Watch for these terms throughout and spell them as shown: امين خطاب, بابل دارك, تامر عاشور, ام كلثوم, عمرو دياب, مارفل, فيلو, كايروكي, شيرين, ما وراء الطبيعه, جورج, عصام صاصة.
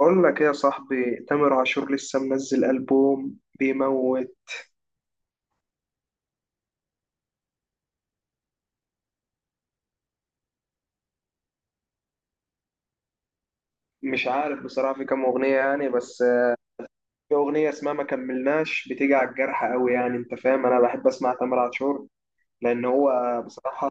بقول لك ايه يا صاحبي؟ تامر عاشور لسه منزل ألبوم بيموت. مش عارف بصراحة في كام أغنية يعني، بس في أغنية اسمها ما كملناش بتيجي على الجرح قوي، يعني أنت فاهم، أنا بحب أسمع تامر عاشور لأن هو بصراحة.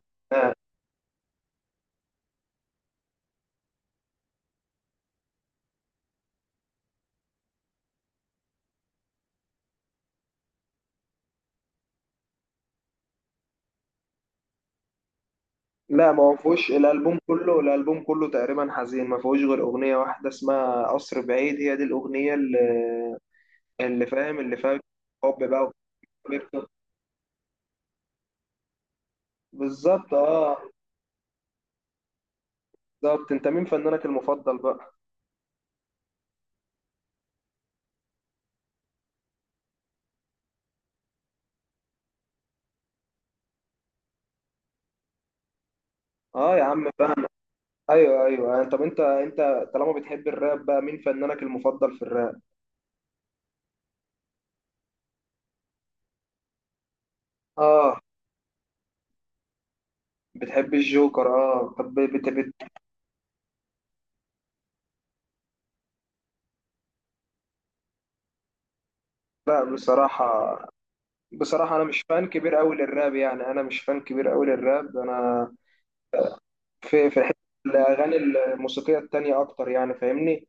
لا، ما هو فيهوش الألبوم كله، الألبوم كله تقريبا حزين، ما فيهوش غير أغنية واحدة اسمها قصر بعيد، هي دي الأغنية اللي فاهم، اللي فيها حب بقى وكده. بالظبط، بالظبط. أنت مين فنانك المفضل بقى؟ اه يا عم. ايوه ايوه، يعني طب انت طالما بتحب الراب بقى، مين فنانك المفضل في الراب؟ اه بتحب الجوكر؟ اه طب بت بت لا بصراحه انا مش فان كبير قوي للراب، يعني انا مش فان كبير قوي للراب، انا في حته الاغاني الموسيقيه التانية اكتر يعني، فاهمني؟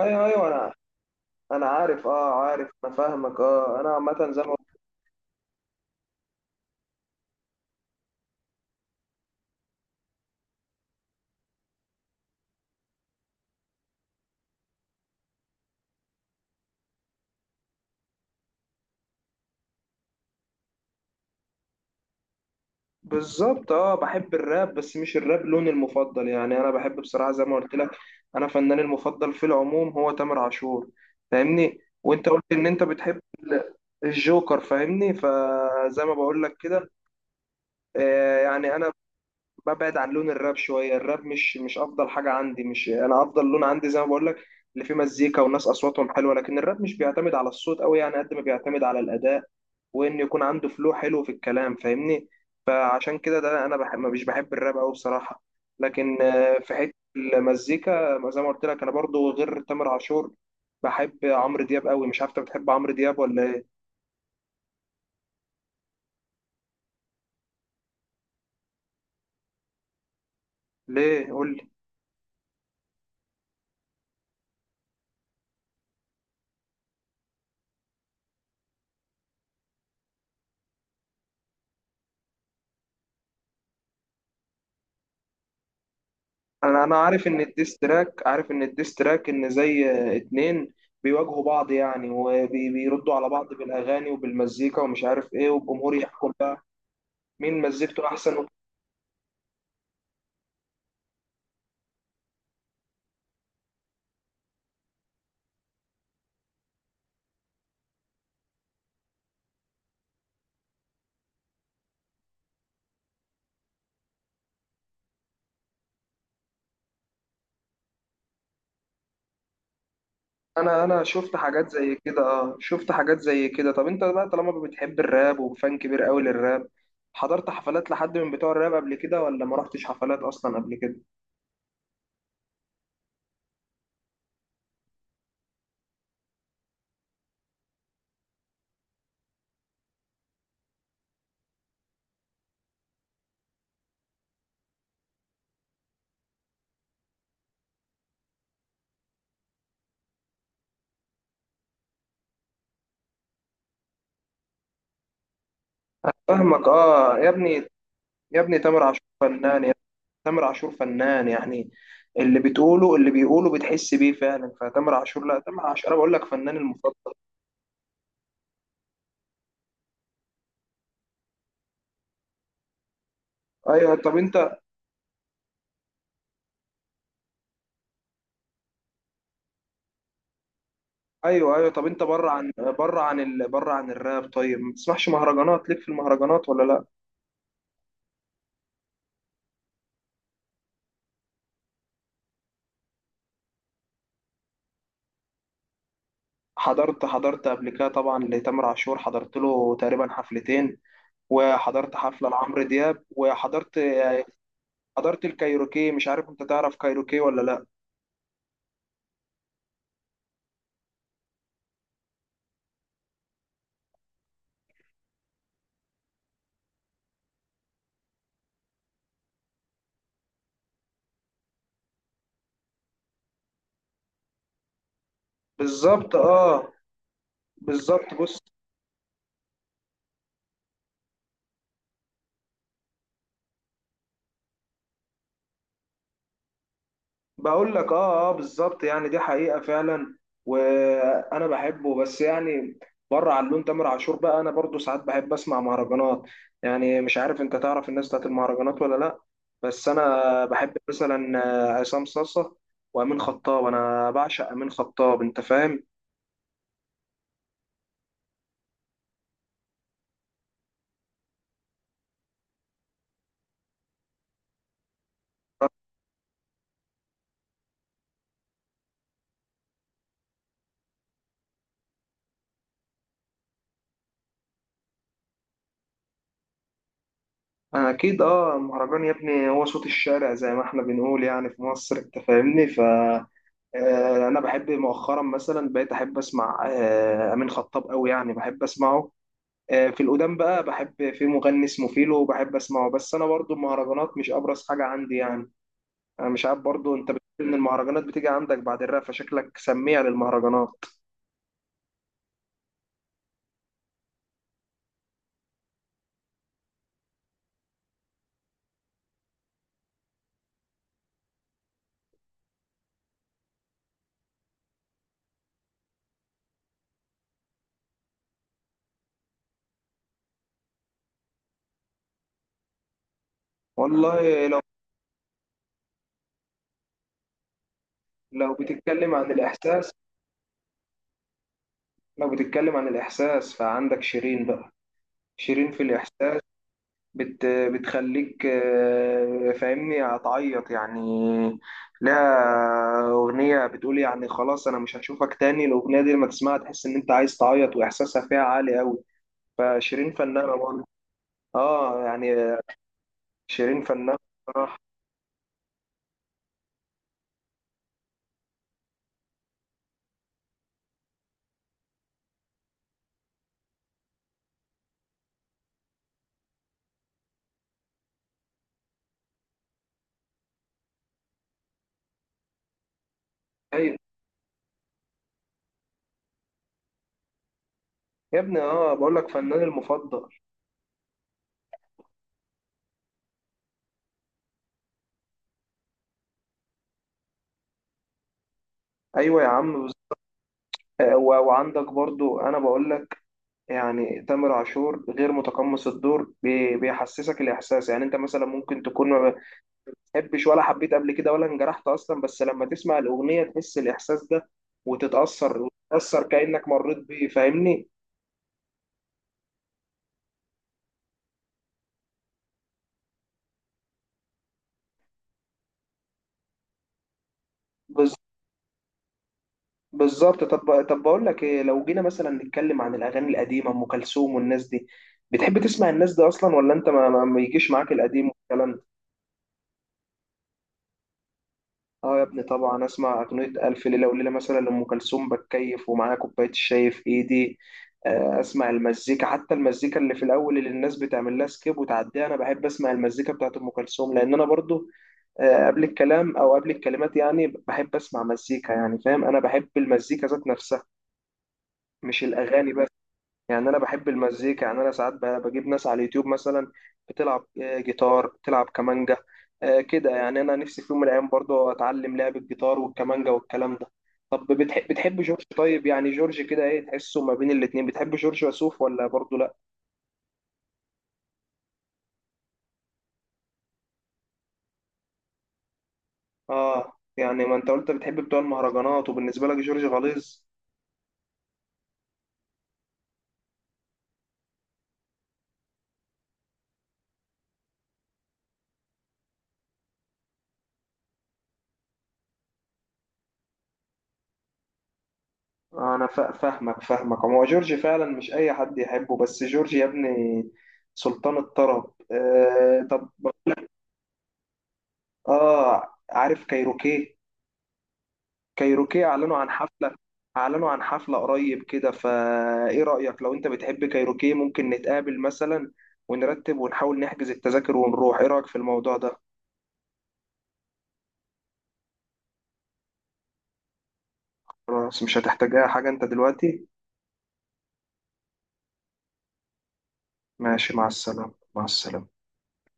ايوه ايوه، انا عارف، عارف، انا فاهمك، اه انا عامه زي ما بالظبط. اه بحب الراب بس مش الراب لوني المفضل، يعني انا بحب بصراحه زي ما قلت لك، انا فناني المفضل في العموم هو تامر عاشور، فاهمني؟ وانت قلت ان انت بتحب الجوكر، فاهمني؟ فزي ما بقول لك كده. آه يعني انا ببعد عن لون الراب شويه، الراب مش افضل حاجه عندي، مش انا افضل لون عندي زي ما بقول لك اللي فيه مزيكا والناس اصواتهم حلوه، لكن الراب مش بيعتمد على الصوت قوي يعني قد ما بيعتمد على الاداء، وان يكون عنده فلو حلو في الكلام، فاهمني؟ فعشان كده ده انا مش بحب الراب قوي بصراحه، لكن في حته المزيكا زي ما قلت لك، انا برضو غير تامر عاشور بحب عمرو دياب قوي، مش عارف انت بتحب عمرو دياب ولا ايه؟ ليه، قول لي. انا عارف ان الديستراك، عارف ان الديستراك ان زي اتنين بيواجهوا بعض يعني، وبيردوا على بعض بالاغاني وبالمزيكا ومش عارف ايه، والجمهور يحكم بقى مين مزيكته احسن. انا شفت حاجات زي كده، اه شفت حاجات زي كده. طب انت بقى طالما بتحب الراب وفان كبير قوي للراب، حضرت حفلات لحد من بتوع الراب قبل كده ولا ما رحتش حفلات اصلا قبل كده؟ فاهمك، اه يا ابني، يا ابني تامر عاشور فنان، تامر عاشور فنان يعني، اللي بتقوله، اللي بيقوله بتحس بيه فعلا، فتامر عاشور، لا تامر عاشور انا بقول لك فنان المفضل. ايوه طب انت، ايوه ايوه طب انت، بره عن الراب، طيب ما بتسمعش مهرجانات؟ ليك في المهرجانات ولا لا؟ حضرت قبل كده طبعا، لتامر عاشور حضرت له تقريبا حفلتين، وحضرت حفله لعمرو دياب، وحضرت الكايروكي، مش عارف انت تعرف كايروكي ولا لا؟ بالظبط، بالظبط. بص، بقول لك، بالظبط، يعني دي حقيقة فعلا وانا بحبه، بس يعني بره عن لون تامر عاشور بقى انا برضو ساعات بحب اسمع مهرجانات، يعني مش عارف انت تعرف الناس بتاعت المهرجانات ولا لا، بس انا بحب مثلا عصام صاصة وامين خطاب، انا بعشق امين خطاب، انت فاهم؟ انا اكيد، المهرجان يا ابني هو صوت الشارع زي ما احنا بنقول يعني في مصر، انت فاهمني؟ ف انا بحب مؤخرا مثلا بقيت احب اسمع امين خطاب قوي يعني، بحب اسمعه. في القدام بقى بحب في مغني اسمه فيلو وبحب اسمعه، بس انا برضو المهرجانات مش ابرز حاجه عندي يعني، انا مش عارف، برضو انت بتقول ان المهرجانات بتيجي عندك بعد الراب، فشكلك سميع للمهرجانات. والله لو بتتكلم عن الاحساس، فعندك شيرين بقى، شيرين في الاحساس، بتخليك فاهمني، هتعيط يعني، لها اغنيه بتقول يعني خلاص انا مش هشوفك تاني، الاغنيه دي لما تسمعها تحس ان انت عايز تعيط، واحساسها فيها عالي قوي، فشيرين فنانة برضه، اه يعني شيرين فنانة بصراحة. ايوه يا ابني، اه بقول لك فنان المفضل. ايوه يا عم، وعندك برضو انا بقول لك يعني، تامر عاشور غير متقمص الدور، بيحسسك الاحساس، يعني انت مثلا ممكن تكون ما بتحبش ولا حبيت قبل كده ولا انجرحت اصلا، بس لما تسمع الاغنية تحس الاحساس ده، وتتأثر وتتأثر كأنك مريت بيه، فاهمني؟ بالظبط. طب بقول لك ايه، لو جينا مثلا نتكلم عن الاغاني القديمه ام كلثوم والناس دي، بتحب تسمع الناس دي اصلا ولا انت ما يجيش معاك القديم والكلام ده؟ اه يا ابني طبعا، اسمع اغنيه الف ليله وليله مثلا لام كلثوم، بتكيف ومعايا كوبايه الشاي في ايدي، اسمع المزيكا، حتى المزيكا اللي في الاول اللي الناس بتعمل لها سكيب وتعديها، انا بحب اسمع المزيكا بتاعت ام كلثوم، لان انا برضو قبل الكلام او قبل الكلمات يعني بحب اسمع مزيكا، يعني فاهم، انا بحب المزيكا ذات نفسها مش الاغاني بس، يعني انا بحب المزيكا، يعني انا ساعات بجيب ناس على اليوتيوب مثلا بتلعب جيتار بتلعب كمانجا، كده يعني، انا نفسي في يوم من الايام برضو اتعلم لعب الجيتار والكمانجا والكلام ده. طب بتحب، جورج طيب؟ يعني جورج كده ايه تحسه ما بين الاتنين؟ بتحب جورج وسوف ولا برضو لا؟ اه يعني ما انت قلت بتحب بتوع المهرجانات، وبالنسبة لك جورج غليظ. انا فاهمك، فاهمك هو جورج فعلا مش اي حد يحبه، بس جورج يا ابني سلطان الطرب. طب، اه، عارف كايروكي؟ كايروكي اعلنوا عن حفلة، قريب كده، فايه رأيك لو انت بتحب كايروكي، ممكن نتقابل مثلا ونرتب ونحاول نحجز التذاكر ونروح، ايه رأيك في الموضوع ده؟ خلاص، مش هتحتاجها حاجة انت دلوقتي. ماشي، مع السلامة، مع السلامة.